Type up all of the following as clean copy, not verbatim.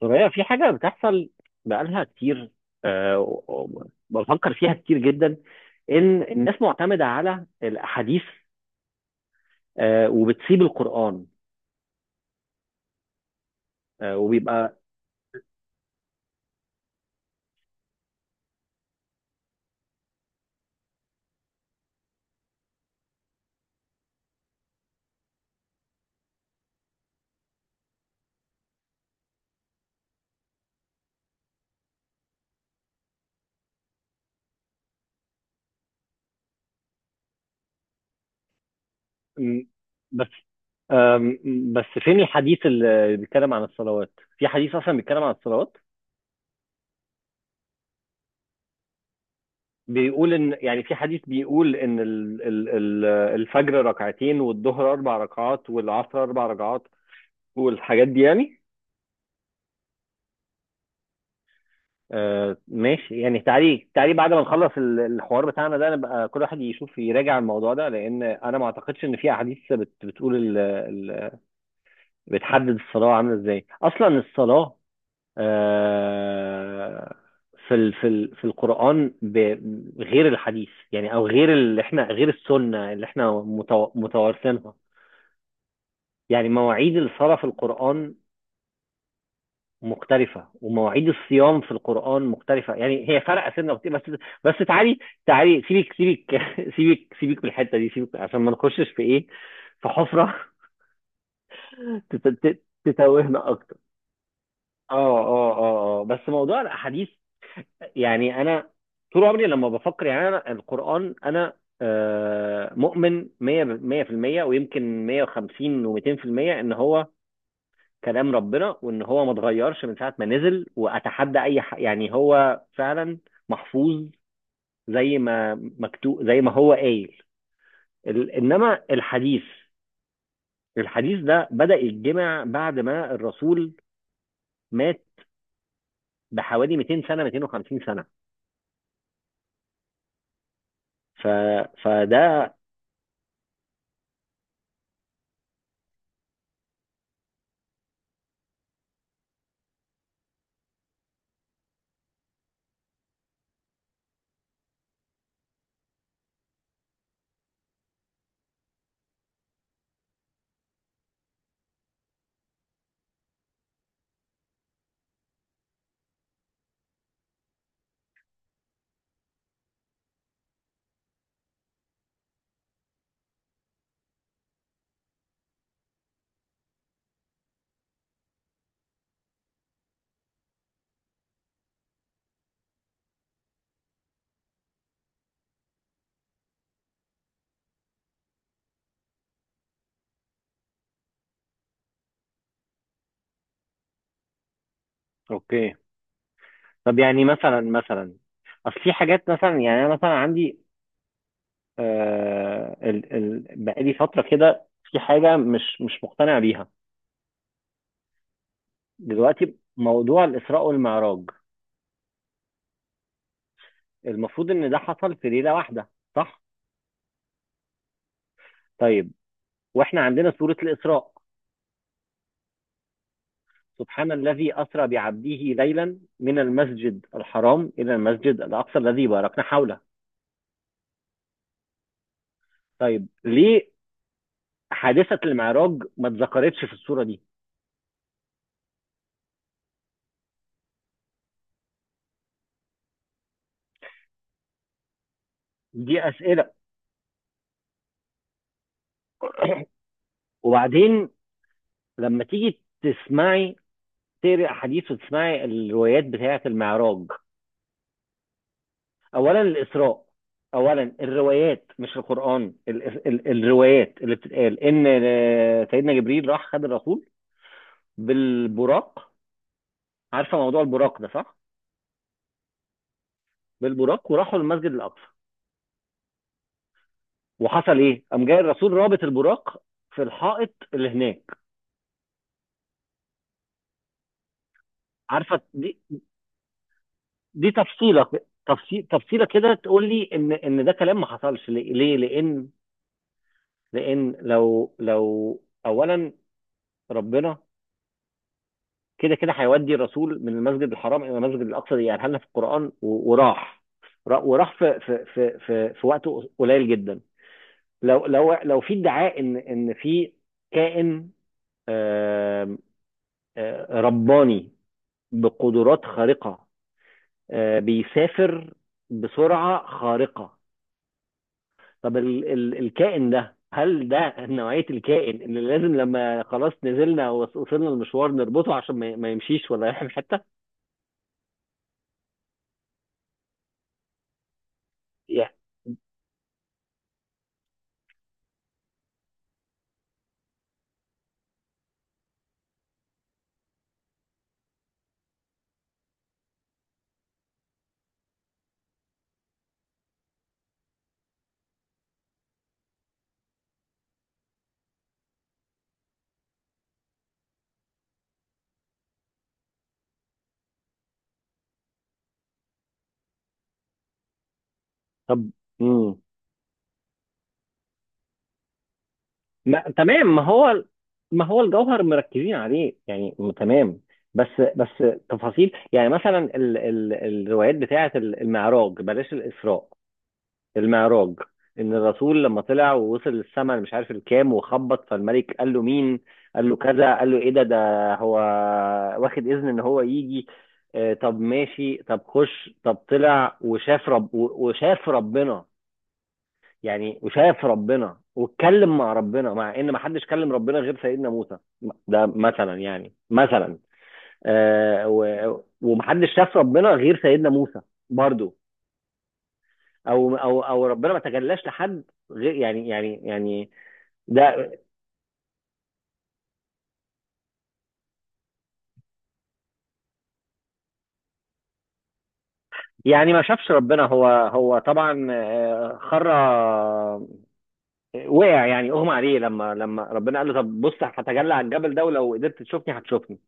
سوريا في حاجة بتحصل بقالها كتير. و- و- وبفكر فيها كتير جدا، إن الناس معتمدة على الأحاديث. آه، وبتسيب القرآن. آه، وبيبقى. م- بس. آم، بس فين الحديث اللي بيتكلم عن الصلوات؟ في حديث أصلا بيتكلم عن الصلوات. بيقول إن يعني في حديث بيقول إن الفجر ركعتين والظهر أربع ركعات والعصر أربع ركعات والحاجات دي يعني. آه، ماشي. يعني تعالي تعالي بعد ما نخلص ال- الحوار بتاعنا ده، نبقى كل واحد يشوف يراجع الموضوع ده، لان انا ما اعتقدش ان في احاديث بت بتقول ال بتحدد الصلاه عامله ازاي اصلا الصلاه. آه، في ال في ال في القران غير الحديث، يعني او غير اللي احنا غير السنه اللي احنا متوارثينها. يعني مواعيد الصلاه في القران مختلفة، ومواعيد الصيام في القرآن مختلفة. يعني هي فرق سنة بس. بس تعالي تعالي، سيبك سيبك سيبك سيبك من الحتة دي، سيبك عشان ما نخشش في ايه، في حفرة. تتوهنا اكتر. اه اه اه اه، بس موضوع الاحاديث. يعني انا طول عمري لما بفكر، يعني انا القرآن، انا مؤمن 100 100% ويمكن 150 و200% ان هو كلام ربنا، وان هو ما اتغيرش من ساعه ما نزل، واتحدى اي يعني هو فعلا محفوظ، زي ما مكتوب، زي ما هو قايل. انما الحديث ده بدأ يتجمع بعد ما الرسول مات بحوالي 200 سنه، 250 سنه. ف... فده. اوكي، طب يعني مثلا، اصل في حاجات مثلا، يعني انا مثلا عندي بقالي فتره كده في حاجه مش مقتنع بيها. دلوقتي موضوع الإسراء والمعراج، المفروض إن ده حصل في ليلة واحدة، صح؟ طيب، وإحنا عندنا سورة الإسراء: سبحان الذي أسرى بعبده ليلا من المسجد الحرام إلى المسجد الأقصى الذي باركنا حوله. طيب ليه حادثة المعراج ما اتذكرتش في السورة دي؟ دي أسئلة. وبعدين لما تيجي تسمعي، تقري أحاديث وتسمعي الروايات بتاعة المعراج. اولا الاسراء، اولا الروايات مش القران، ال الروايات اللي بتتقال، ان آه، سيدنا جبريل راح خد الرسول بالبراق. عارفه موضوع البراق ده؟ صح. بالبراق وراحوا للمسجد الاقصى، وحصل ايه؟ قام جاي الرسول رابط البراق في الحائط اللي هناك. عارفه دي، دي تفصيله. تفصيله كده تقول لي ان ان ده كلام ما حصلش؟ ليه ليه؟ لان لان لو اولا، ربنا كده كده هيودي الرسول من المسجد الحرام الى المسجد الاقصى، يقرأها لنا في القران، وراح وراح في وقت قليل جدا. لو في ادعاء ان في كائن، آم، آه، رباني بقدرات خارقه، آه، بيسافر بسرعه خارقه. طب ال الكائن ده، هل ده نوعيه الكائن اللي لازم لما خلاص نزلنا ووصلنا المشوار نربطه عشان ما يمشيش ولا يروح في حته؟ Yeah. طب. مم. ما تمام، ما هو ما هو الجوهر مركزين عليه، يعني تمام. بس بس تفاصيل. يعني مثلا ال الروايات بتاعه المعراج، بلاش الإسراء، المعراج. ان الرسول لما طلع ووصل السماء مش عارف الكام، وخبط فالملك قال له: مين؟ قال له كذا، قال له: ايه ده؟ ده هو واخد اذن ان هو يجي. آه، طب ماشي، طب خش، طب طلع وشاف ربنا. يعني وشايف ربنا واتكلم مع ربنا، مع ان ما حدش كلم ربنا غير سيدنا موسى. ده مثلا، يعني مثلا، ومحدش شاف ربنا غير سيدنا موسى برضو. او ربنا ما تجلاش لحد غير، يعني ده. يعني ما شافش ربنا. هو طبعا آه، خر آه، وقع، يعني اغمى عليه لما لما ربنا قال له: طب بص، هتجلى على الجبل ده، ولو قدرت تشوفني هتشوفني.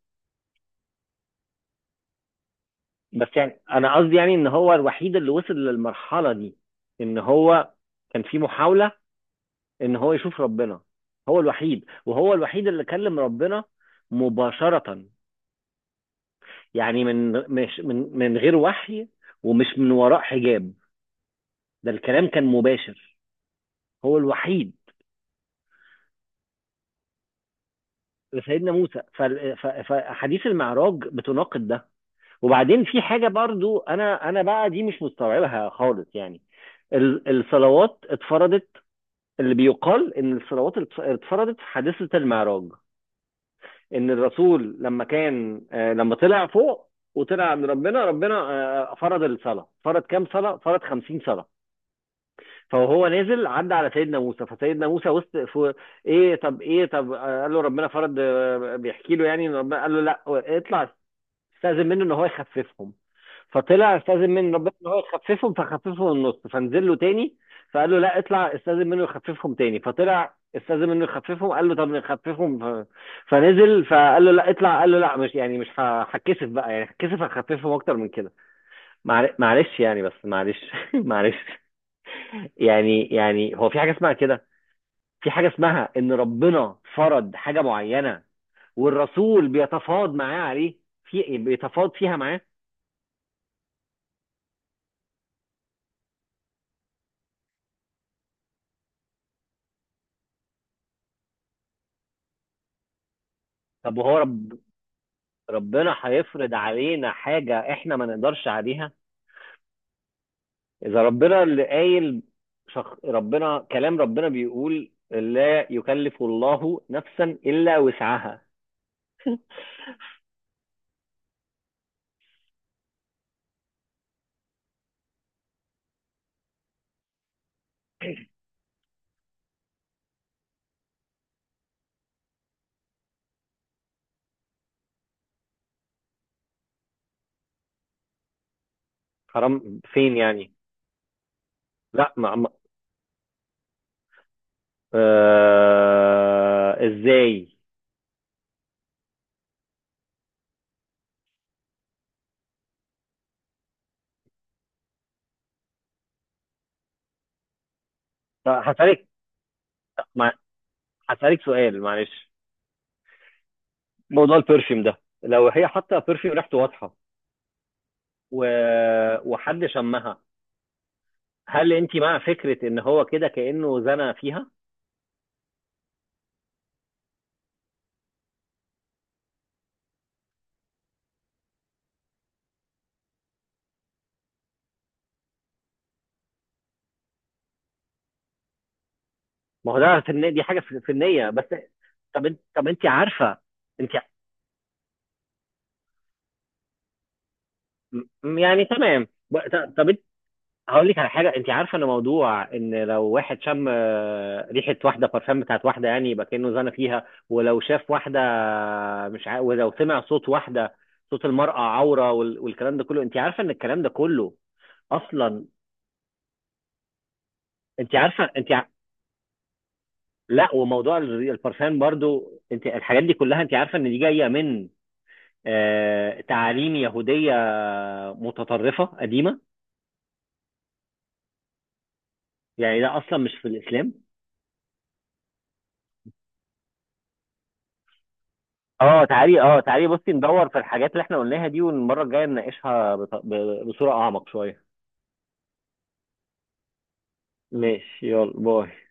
بس يعني انا قصدي، يعني ان هو الوحيد اللي وصل للمرحله دي، ان هو كان في محاوله ان هو يشوف ربنا. هو الوحيد، وهو الوحيد اللي كلم ربنا مباشره، يعني من مش من غير وحي، ومش من وراء حجاب. ده الكلام كان مباشر، هو الوحيد سيدنا موسى. فاحاديث المعراج بتناقض ده. وبعدين في حاجه برضو انا بقى دي مش مستوعبها خالص. يعني الصلوات اتفرضت، اللي بيقال ان الصلوات اتفرضت في حادثة المعراج. ان الرسول لما كان آه، لما طلع فوق وطلع عند ربنا، فرض الصلاة. فرض كام صلاة؟ فرض 50 صلاة. فهو نازل عدى على سيدنا موسى، فسيدنا موسى وسط في ايه، طب ايه، طب قال له ربنا فرض، بيحكي له يعني إن ربنا قال له: لا، اطلع استاذن منه ان هو يخففهم. فطلع استاذن منه ربنا ان هو يخففهم، فخففهم النص، فنزل له تاني، فقال له: لا، اطلع استاذن منه يخففهم تاني. فطلع استاذن منه يخففهم، قال له: طب نخففهم. فنزل، فقال له: لا، اطلع. قال له: لا، مش يعني مش هتكسف بقى، يعني هتكسف، هخففهم اكتر من كده. معلش، يعني بس معلش. معلش. يعني هو في حاجه اسمها كده، في حاجه اسمها ان ربنا فرض حاجه معينه، والرسول بيتفاوض معاه عليه، في بيتفاوض فيها معاه. طب وهو ربنا هيفرض علينا حاجة احنا ما نقدرش عليها؟ اذا ربنا اللي قايل، ربنا، كلام ربنا بيقول: لا يكلف الله نفسا الا وسعها. حرام فين يعني؟ لا، ما... ما... آه... ازاي؟ طب هسألك، مع... هسألك سؤال، معلش. موضوع البرفيوم ده، لو هي حاطه برفيوم ريحته واضحه، و... وحد شمها، هل انت مع فكره ان هو كده كانه زنى فيها؟ ما هو ده في النية، دي حاجه في النيه بس. طب انت، طب انت عارفه، انت يعني تمام، طب انت، هقول لك على حاجه. انت عارفه ان موضوع ان لو واحد شم آه، ريحه واحده، بارفان بتاعت واحده، يعني يبقى كانه زنى فيها، ولو شاف واحده مش عارف، ولو سمع صوت واحده، صوت المرأة عورة، والكلام ده كله، انت عارفه ان الكلام ده كله اصلا، انت عارفه، لا. وموضوع البرفان برضو، انت الحاجات دي كلها، انت عارفه ان دي جايه من آه، تعاليم يهودية متطرفة قديمة، يعني ده أصلا مش في الإسلام. اه تعالي، اه تعالي، بصي ندور في الحاجات اللي احنا قلناها دي، والمرة الجاية نناقشها بصورة أعمق شوية. ماشي، يلا باي.